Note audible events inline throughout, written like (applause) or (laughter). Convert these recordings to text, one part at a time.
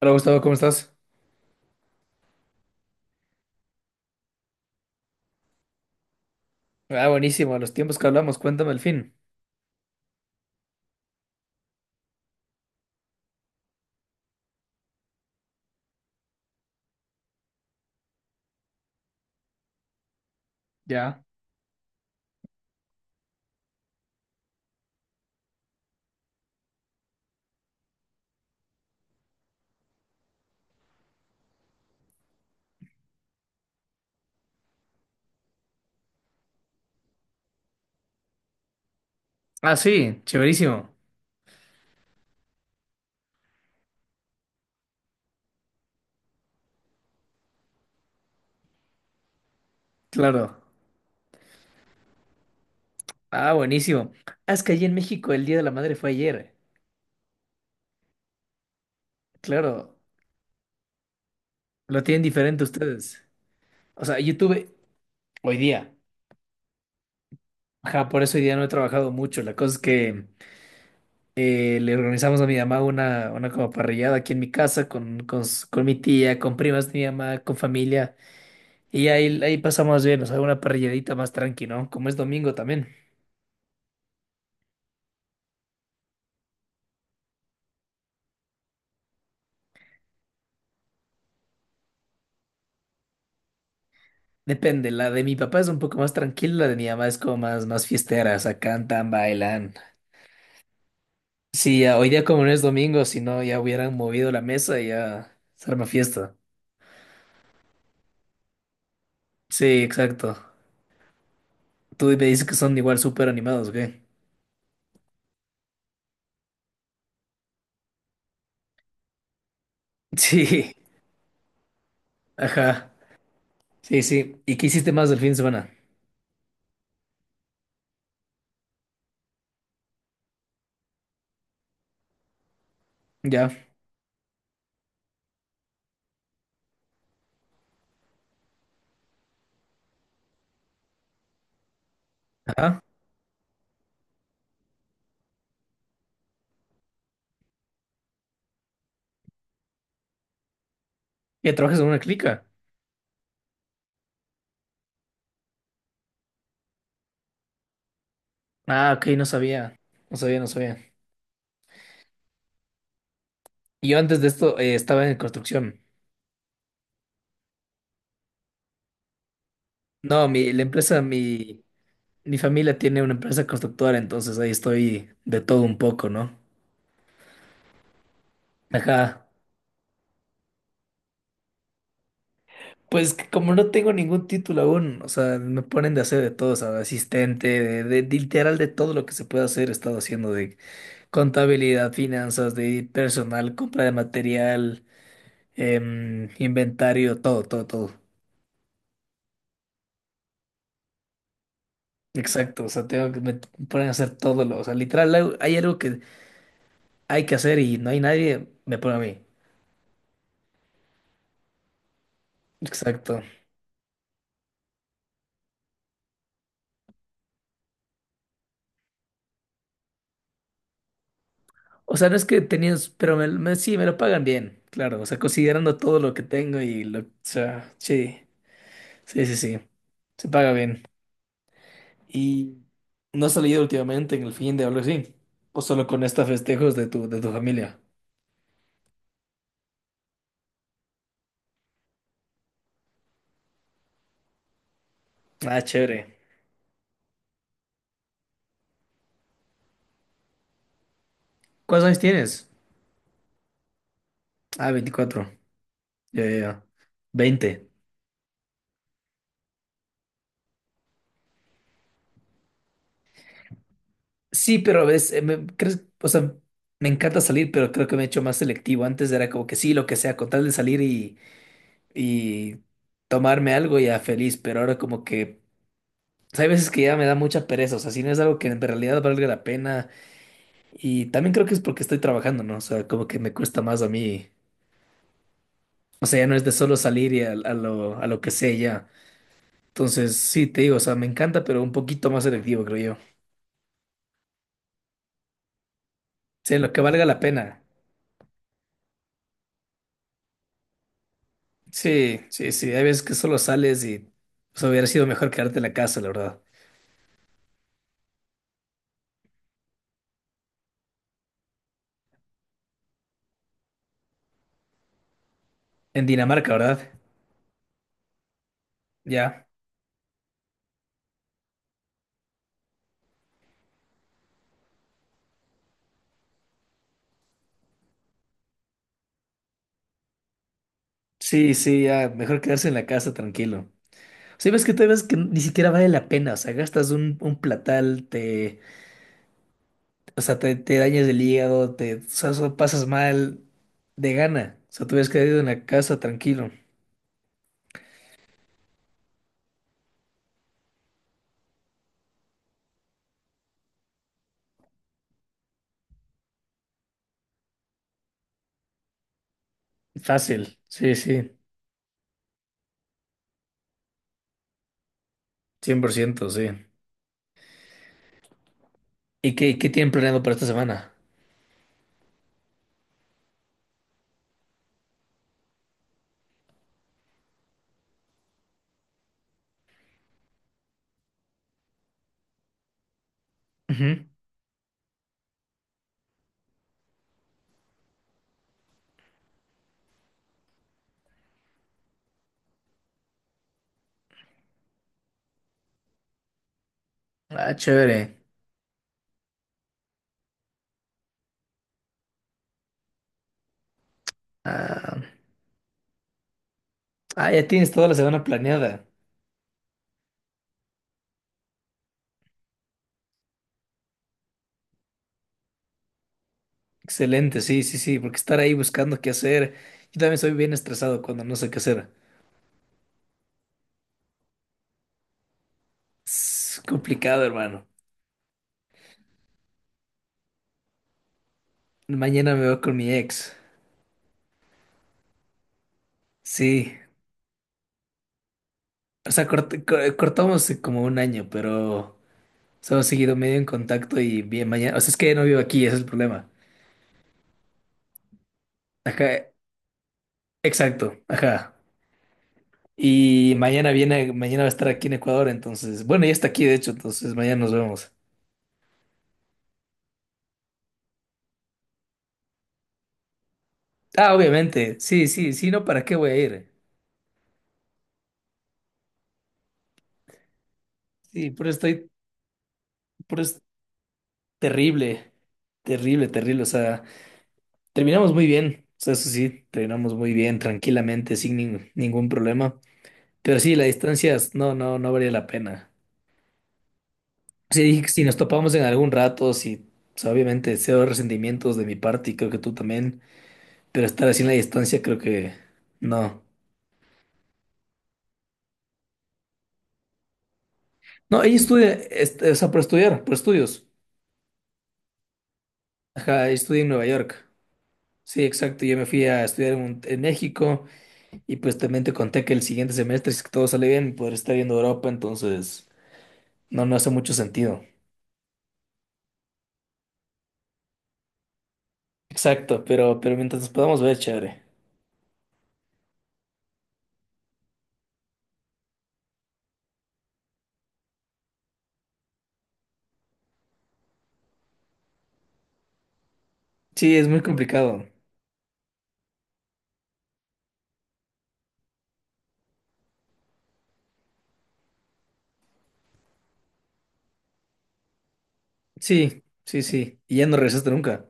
Hola Gustavo, ¿cómo estás? Ah, buenísimo, los tiempos que hablamos, cuéntame el fin. Ya. Ah, sí, chéverísimo. Claro. Ah, buenísimo. Ah, es que allí en México el Día de la Madre fue ayer. Claro, lo tienen diferente ustedes. O sea, yo tuve hoy día. Ajá, por eso hoy día no he trabajado mucho. La cosa es que le organizamos a mi mamá una como parrillada aquí en mi casa, con mi tía, con primas de mi mamá, con familia. Y ahí pasamos bien, o sea, una parrilladita más tranqui, ¿no? Como es domingo también. Depende, la de mi papá es un poco más tranquila, la de mi mamá es como más, más fiestera, o sea, cantan, bailan. Sí, ya, hoy día como no es domingo, si no ya hubieran movido la mesa y ya se arma fiesta. Sí, exacto. Tú me dices que son igual súper animados, ¿ok? (laughs) Sí, ajá. Sí, sí. ¿Y qué hiciste más del fin de semana? Ya. Ajá. ¿Ya trabajas en una clica? Ah, ok, no sabía. No sabía, no sabía. Yo antes de esto estaba en construcción. No, mi familia tiene una empresa constructora, entonces ahí estoy de todo un poco, ¿no? Ajá. Pues que como no tengo ningún título aún, o sea, me ponen de hacer de todo, o sea, asistente, de literal de todo lo que se puede hacer, he estado haciendo de contabilidad, finanzas, de personal, compra de material, inventario, todo, todo, todo. Exacto, o sea, tengo que me ponen a hacer todo lo, o sea, literal hay algo que hay que hacer y no hay nadie, me pone a mí. Exacto. O sea, no es que tenías, pero sí, me lo pagan bien, claro. O sea, considerando todo lo que tengo y lo, o sea, sí, sí, sí, sí, se paga bien. ¿Y no has salido últimamente en el fin de algo así? ¿O solo con estos festejos de tu familia? Ah, chévere. ¿Cuántos años tienes? Ah, 24. Ya, ya, ya. 20. Sí, pero ves, crees, o sea, me encanta salir, pero creo que me he hecho más selectivo. Antes era como que sí, lo que sea, con tal de salir y tomarme algo ya feliz, pero ahora como que pues, hay veces que ya me da mucha pereza, o sea, si no es algo que en realidad valga la pena y también creo que es porque estoy trabajando, ¿no? O sea, como que me cuesta más a mí, o sea, ya no es de solo salir y a lo que sé ya. Entonces, sí, te digo, o sea, me encanta, pero un poquito más selectivo, creo yo. Sí, lo que valga la pena. Sí, sí, sí, hay veces que solo sales y o sea, hubiera sido mejor quedarte en la casa, la verdad. En Dinamarca, ¿verdad? Ya. Sí, sí, ya, mejor quedarse en la casa tranquilo. Sí, ves que ni siquiera vale la pena, o sea, gastas un platal, o sea, te dañas el hígado, o sea, pasas mal de gana, o sea, te hubieras quedado en la casa tranquilo, fácil, sí, sí, 100% sí. ¿Y qué, qué tienen planeado para esta semana? Ujú. Ah, chévere. Ah, ah, ya tienes toda la semana planeada. Excelente, sí, sí, sí, porque estar ahí buscando qué hacer. Yo también soy bien estresado cuando no sé qué hacer. Es complicado, hermano. Mañana me voy con mi ex. Sí, o sea, cortamos como un año, pero hemos seguido medio en contacto y bien mañana, o sea, es que no vivo aquí, ese es el problema. Ajá, exacto, ajá. Y mañana viene, mañana va a estar aquí en Ecuador, entonces, bueno, ya está aquí, de hecho, entonces mañana nos vemos. Ah, obviamente, sí, sí, sí, no, ¿para qué voy a ir? Sí, pero es terrible, terrible, terrible, o sea, terminamos muy bien, o sea, eso sí, terminamos muy bien, tranquilamente, sin nin- ningún problema. Pero sí, no, no, no valía la pena. Sí, dije si nos topamos en algún rato, sí, o sea, obviamente cero resentimientos de mi parte y creo que tú también, pero estar así en la distancia creo que no. No, ella estudia, o sea, por estudiar, por estudios. Ajá, ella estudia en Nueva York. Sí, exacto, yo me fui a estudiar en México y pues también te conté que el siguiente semestre, si todo sale bien, podré estar viendo Europa, entonces no, no hace mucho sentido. Exacto, pero mientras nos podamos ver, chévere. Sí, es muy complicado. Sí, sí, sí. Y ya no regresaste nunca.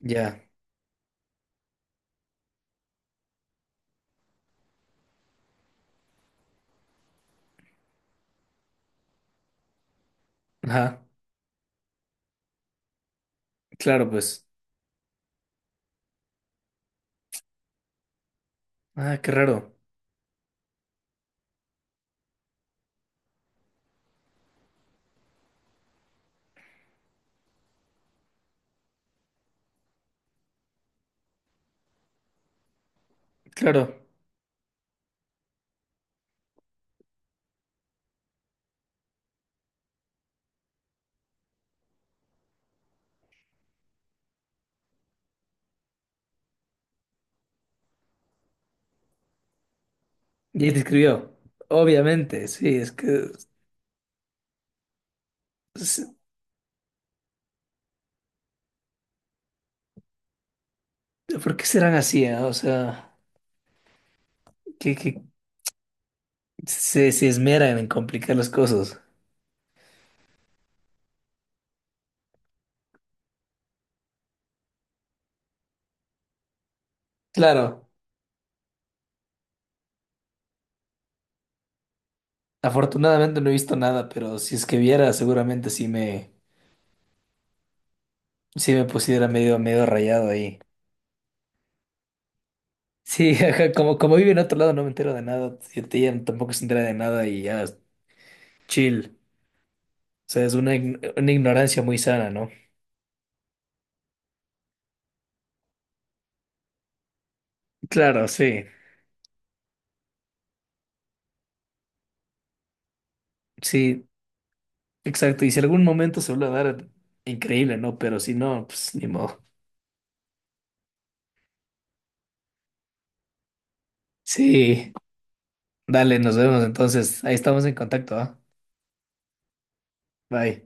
Ya. Ajá. Claro, pues. Ah, qué raro. Claro. Y ahí te escribió. Obviamente, sí, es que. es- ¿Por qué serán así? ¿Ah? O sea, que se esmeran en complicar las cosas. Claro, afortunadamente no he visto nada, pero si es que viera, seguramente sí me pusiera medio, medio rayado ahí. Sí, (laughs) ajá, como, como vive en otro lado, no me entero de nada. Ella tampoco se entera de nada y ya, chill. O sea, es una, una ignorancia muy sana, ¿no? Claro, sí. Sí, exacto. Y si algún momento se vuelve a dar, increíble, ¿no? Pero si no, pues ni modo. Sí, dale, nos vemos entonces. Ahí estamos en contacto, ¿ah? Bye.